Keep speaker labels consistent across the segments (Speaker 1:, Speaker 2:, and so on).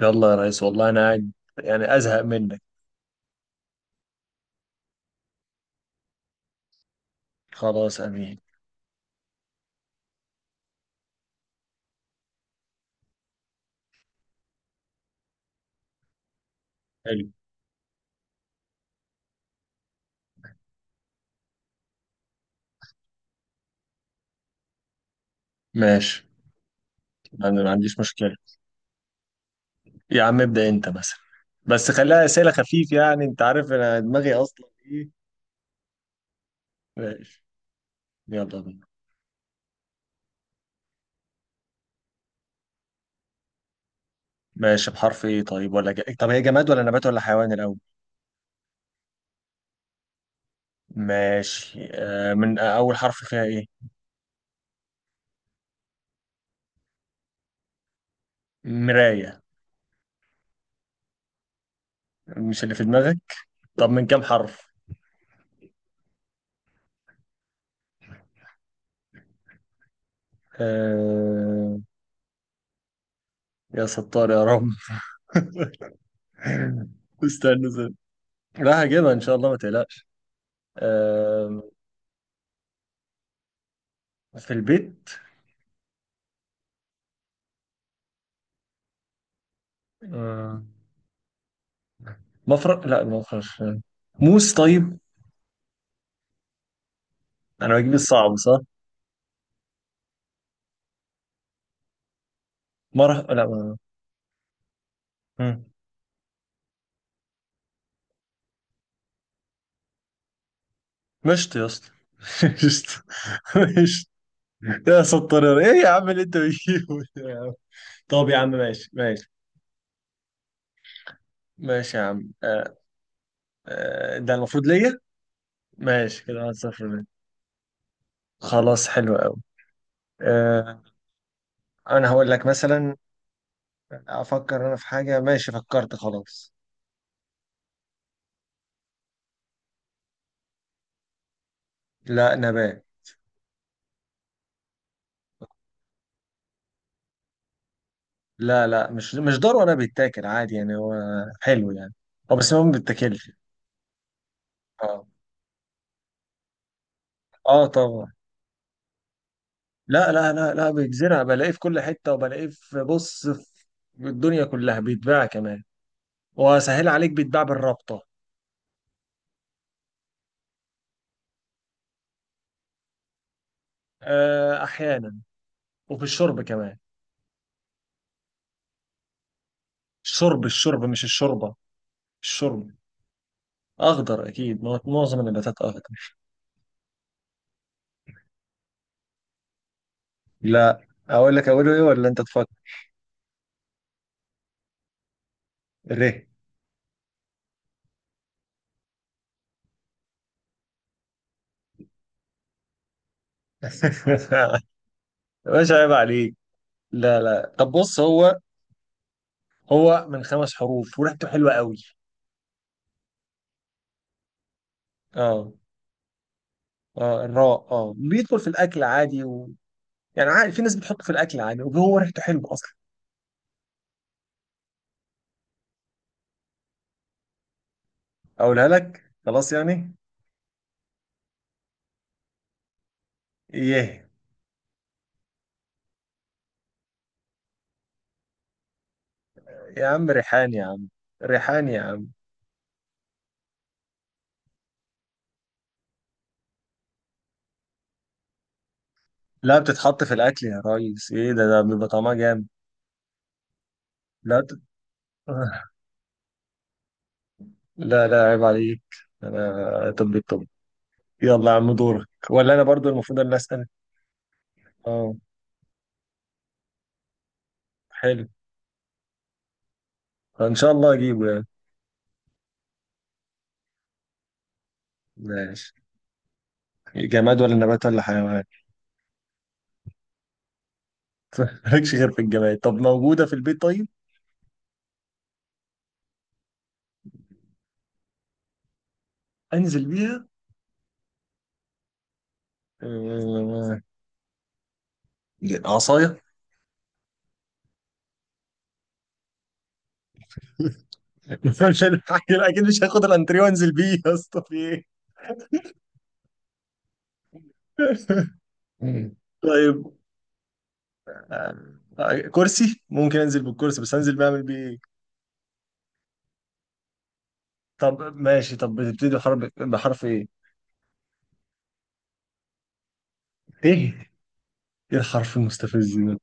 Speaker 1: يلا يا ريس، والله انا قاعد يعني ازهق منك. خلاص، امين. حلو. ماشي، ما عنديش مشكله. يا عم ابدا انت مثلا. بس خليها اسئله خفيف، يعني انت عارف انا دماغي اصلا ايه. ماشي. يلا بينا. ماشي، بحرف ايه طيب ولا طب هي جماد ولا نبات ولا حيوان الاول؟ ماشي. آه من آه، اول حرف فيها ايه؟ مرايه. مش اللي في دماغك. طب من كام حرف؟ آه... يا ستار يا رب. استنى استنى. راح اجيبها ان شاء الله، ما تقلقش. آم، في البيت. آم، مفرق، لا مفرش. موس، طيب. انا بجيب الصعب، صح؟ مرح، لا مم. مشط يا اسطى! مشط. مشط. يا سطر، ايه يا عم اللي انت بتجيبه ده يا عم؟ طب يا عم ماشي ماشي. ماشي يا عم. آه، ده المفروض ليا. ماشي كده 1-0 ليا. خلاص حلو قوي. آه. انا هقول لك مثلا. افكر انا في حاجة، ماشي فكرت خلاص. لا، نبات. لا لا، مش ضروري انا بيتاكل عادي يعني هو. حلو يعني. هو بس هو ما بيتاكلش. اه. اه، طبعا. لا لا لا لا، بيتزرع بلاقيه في كل حته وبلاقيه في، بص، في الدنيا كلها بيتباع كمان. وسهل عليك، بيتباع بالرابطه. آه احيانا. وفي الشرب كمان. الشرب الشرب، مش الشوربه. الشرب. اخضر اكيد، ما هو معظم النباتات اخضر. لا. اقول لك، اقوله ايه ولا انت تفكر؟ ري. مش عيب عليك. لا لا، طب بص هو. هو من خمس حروف وريحته حلوة قوي. اه. اه، الراء. اه بيدخل في الأكل عادي يعني عادي، في ناس بتحطه في الأكل عادي وهو ريحته حلوة أصلا. اقولها لك خلاص يعني. ايه يا عم، ريحان يا عم. ريحان يا عم. لا، بتتحط في الأكل يا ريس، إيه ده بيبقى طعمها جامد. لا. لا لا، عيب عليك. أنا طب. يلا يا عم، دورك ولا أنا برضو المفروض إن أنا أسأل؟ أه. حلو. إن شاء الله أجيبه يعني. ماشي. جماد ولا نبات ولا حيوان؟ مالكش غير في الجمال، طب موجودة في البيت طيب؟ انزل بيها؟ آه. عصاية. مش هلحق- اكيد مش هاخد الانتريه وانزل بيه يا اسطى، في ايه؟ مم. طيب. كرسي ممكن انزل بالكرسي بس انزل بعمل بيه ايه؟ طب ماشي، طب بتبتدي بحرف ايه؟ ايه؟ ايه الحرف المستفز ده؟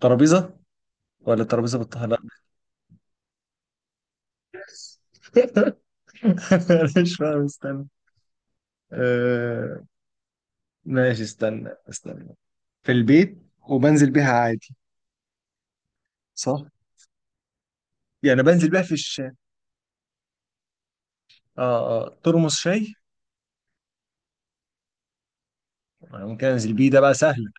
Speaker 1: ترابيزة. ولا ترابيزة بالطه؟ لا. انا مش فاهم، استنى. آه. ماشي استنى استنى. في البيت. وبنزل بيها عادي. صح؟ يعني بنزل بيها في اه ترمس شاي. أنا ممكن انزل بيه، ده بقى سهل.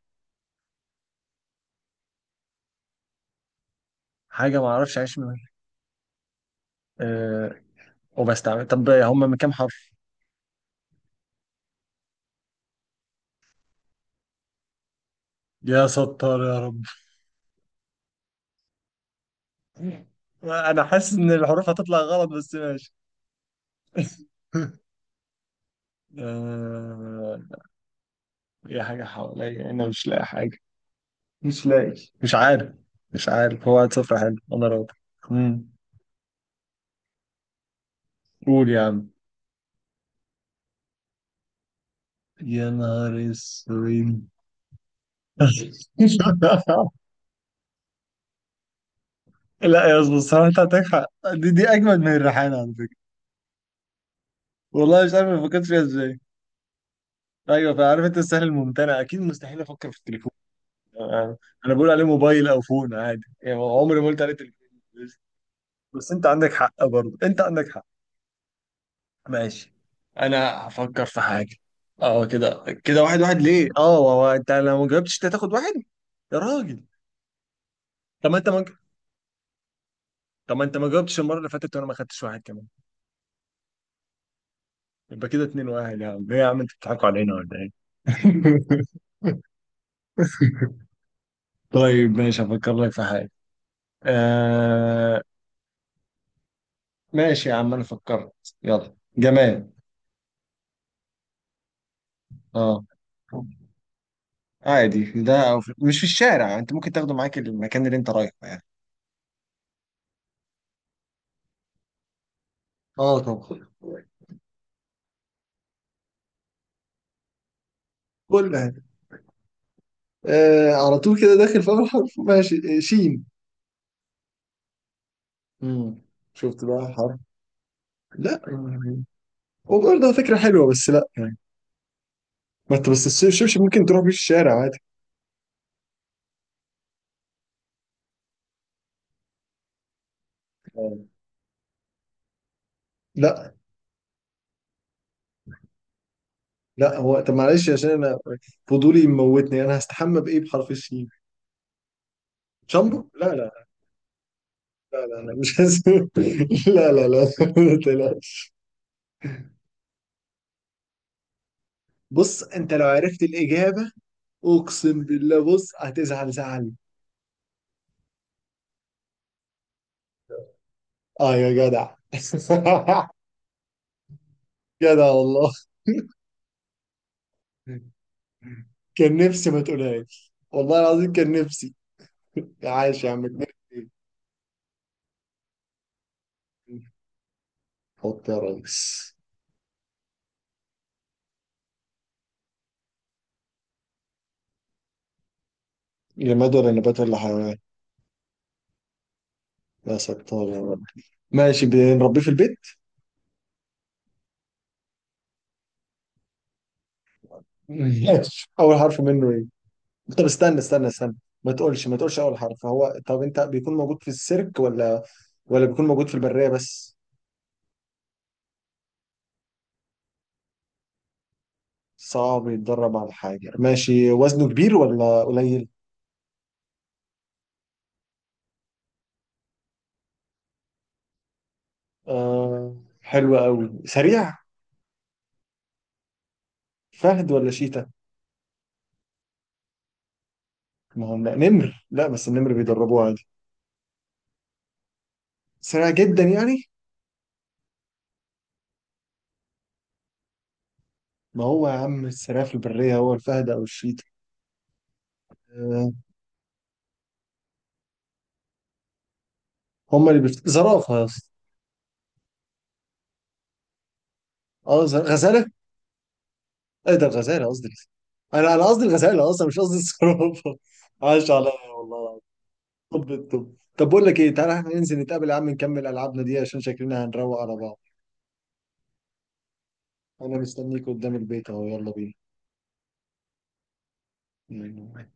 Speaker 1: حاجه ما اعرفش اعيش منها. آه. طب، هم من كام حرف؟ يا ستار يا رب. انا حاسس ان الحروف هتطلع غلط، بس ماشي. آه. يا حاجه حواليا انا مش لاقي حاجه. مش لاقي، مش عارف. مش عارف، هو 1-0 حلو انا راضي. مم. قول يا عم. يا نهار اسود! لا يا اسطى، الصراحه انت عندك حق. دي اجمد من الريحانه على فكره. والله مش عارف ما فكرتش فيها ازاي. ايوه، فعارف انت السهل الممتنع، اكيد مستحيل افكر في التليفون. انا أنا بقول عليه موبايل او فون عادي، يعني عمري ما قلت عليه تليفون. بس انت عندك حق برضه، انت عندك حق. ماشي. انا هفكر في حاجه. اه كده 1-1، ليه؟ اه هو انت لو ما جاوبتش انت هتاخد واحد؟ يا راجل! طب ما انت ما طب ما انت ما جاوبتش المره اللي فاتت، وانا ما خدتش واحد كمان. يبقى كده 2-1، يا عم ليه يا عم، انت بتضحكوا علينا ولا ايه؟ طيب ماشي، هفكر لك في حاجة. آه. ماشي يا عم، أنا فكرت. يلا جماد. اه، عادي في ده أو مش في الشارع، أنت ممكن تاخده معاك المكان اللي أنت رايحه يعني. اه طبعا. كل حاجة. على طول كده داخل في أول حرف، ماشي. شين. مم. شفت بقى حرف. لا. يعني. وبرضه فكرة حلوة، بس لا يعني. ما انت بس الشبشب ممكن تروح بيه الشارع عادي. آه. لا. لا هو طب معلش عشان انا. فضولي موتني، انا هستحمى بايه بحرف الشين؟ شامبو؟ لا لا. لا لا لا، مش هسوي. لا لا لا. ما تقلقش. بص، انت لو عرفت الاجابه، اقسم بالله، بص هتزعل زعل. اه يا جدع. جدع والله. كان نفسي ما تقولهاش والله العظيم، كان نفسي. عايش يا عم، اتنين. اتنين. حط يا ريس. جماد ولا نبات ولا حيوان؟ لا، سكتار يا رب. ماشي، بنربيه في البيت؟ ماشي، اول حرف منه إيه؟ طب، استنى استنى استنى. ما تقولش ما تقولش اول حرف. هو طب انت، بيكون موجود في السيرك ولا بيكون موجود في البرية بس؟ صعب يتدرب على حاجة. ماشي، وزنه كبير ولا قليل؟ آه. حلو قوي. سريع؟ فهد ولا شيتا؟ ما هو لا، نمر، لا بس النمر بيدربوه عادي. سريع جدا يعني؟ ما هو يا عم، السريع في البرية هو الفهد او الشيتا. آه. هما اللي زرافة يا اسطى. اه، غزالة. ايه ده، الغزاله قصدي. انا قصدي الغزاله اصلا، مش قصدي الصرافه. عاش عليا والله العظيم. طب بقول لك ايه، تعالى احنا ننزل نتقابل يا عم، نكمل العابنا دي عشان شكلنا هنروق على بعض. انا مستنيك قدام البيت اهو، يلا. بينا.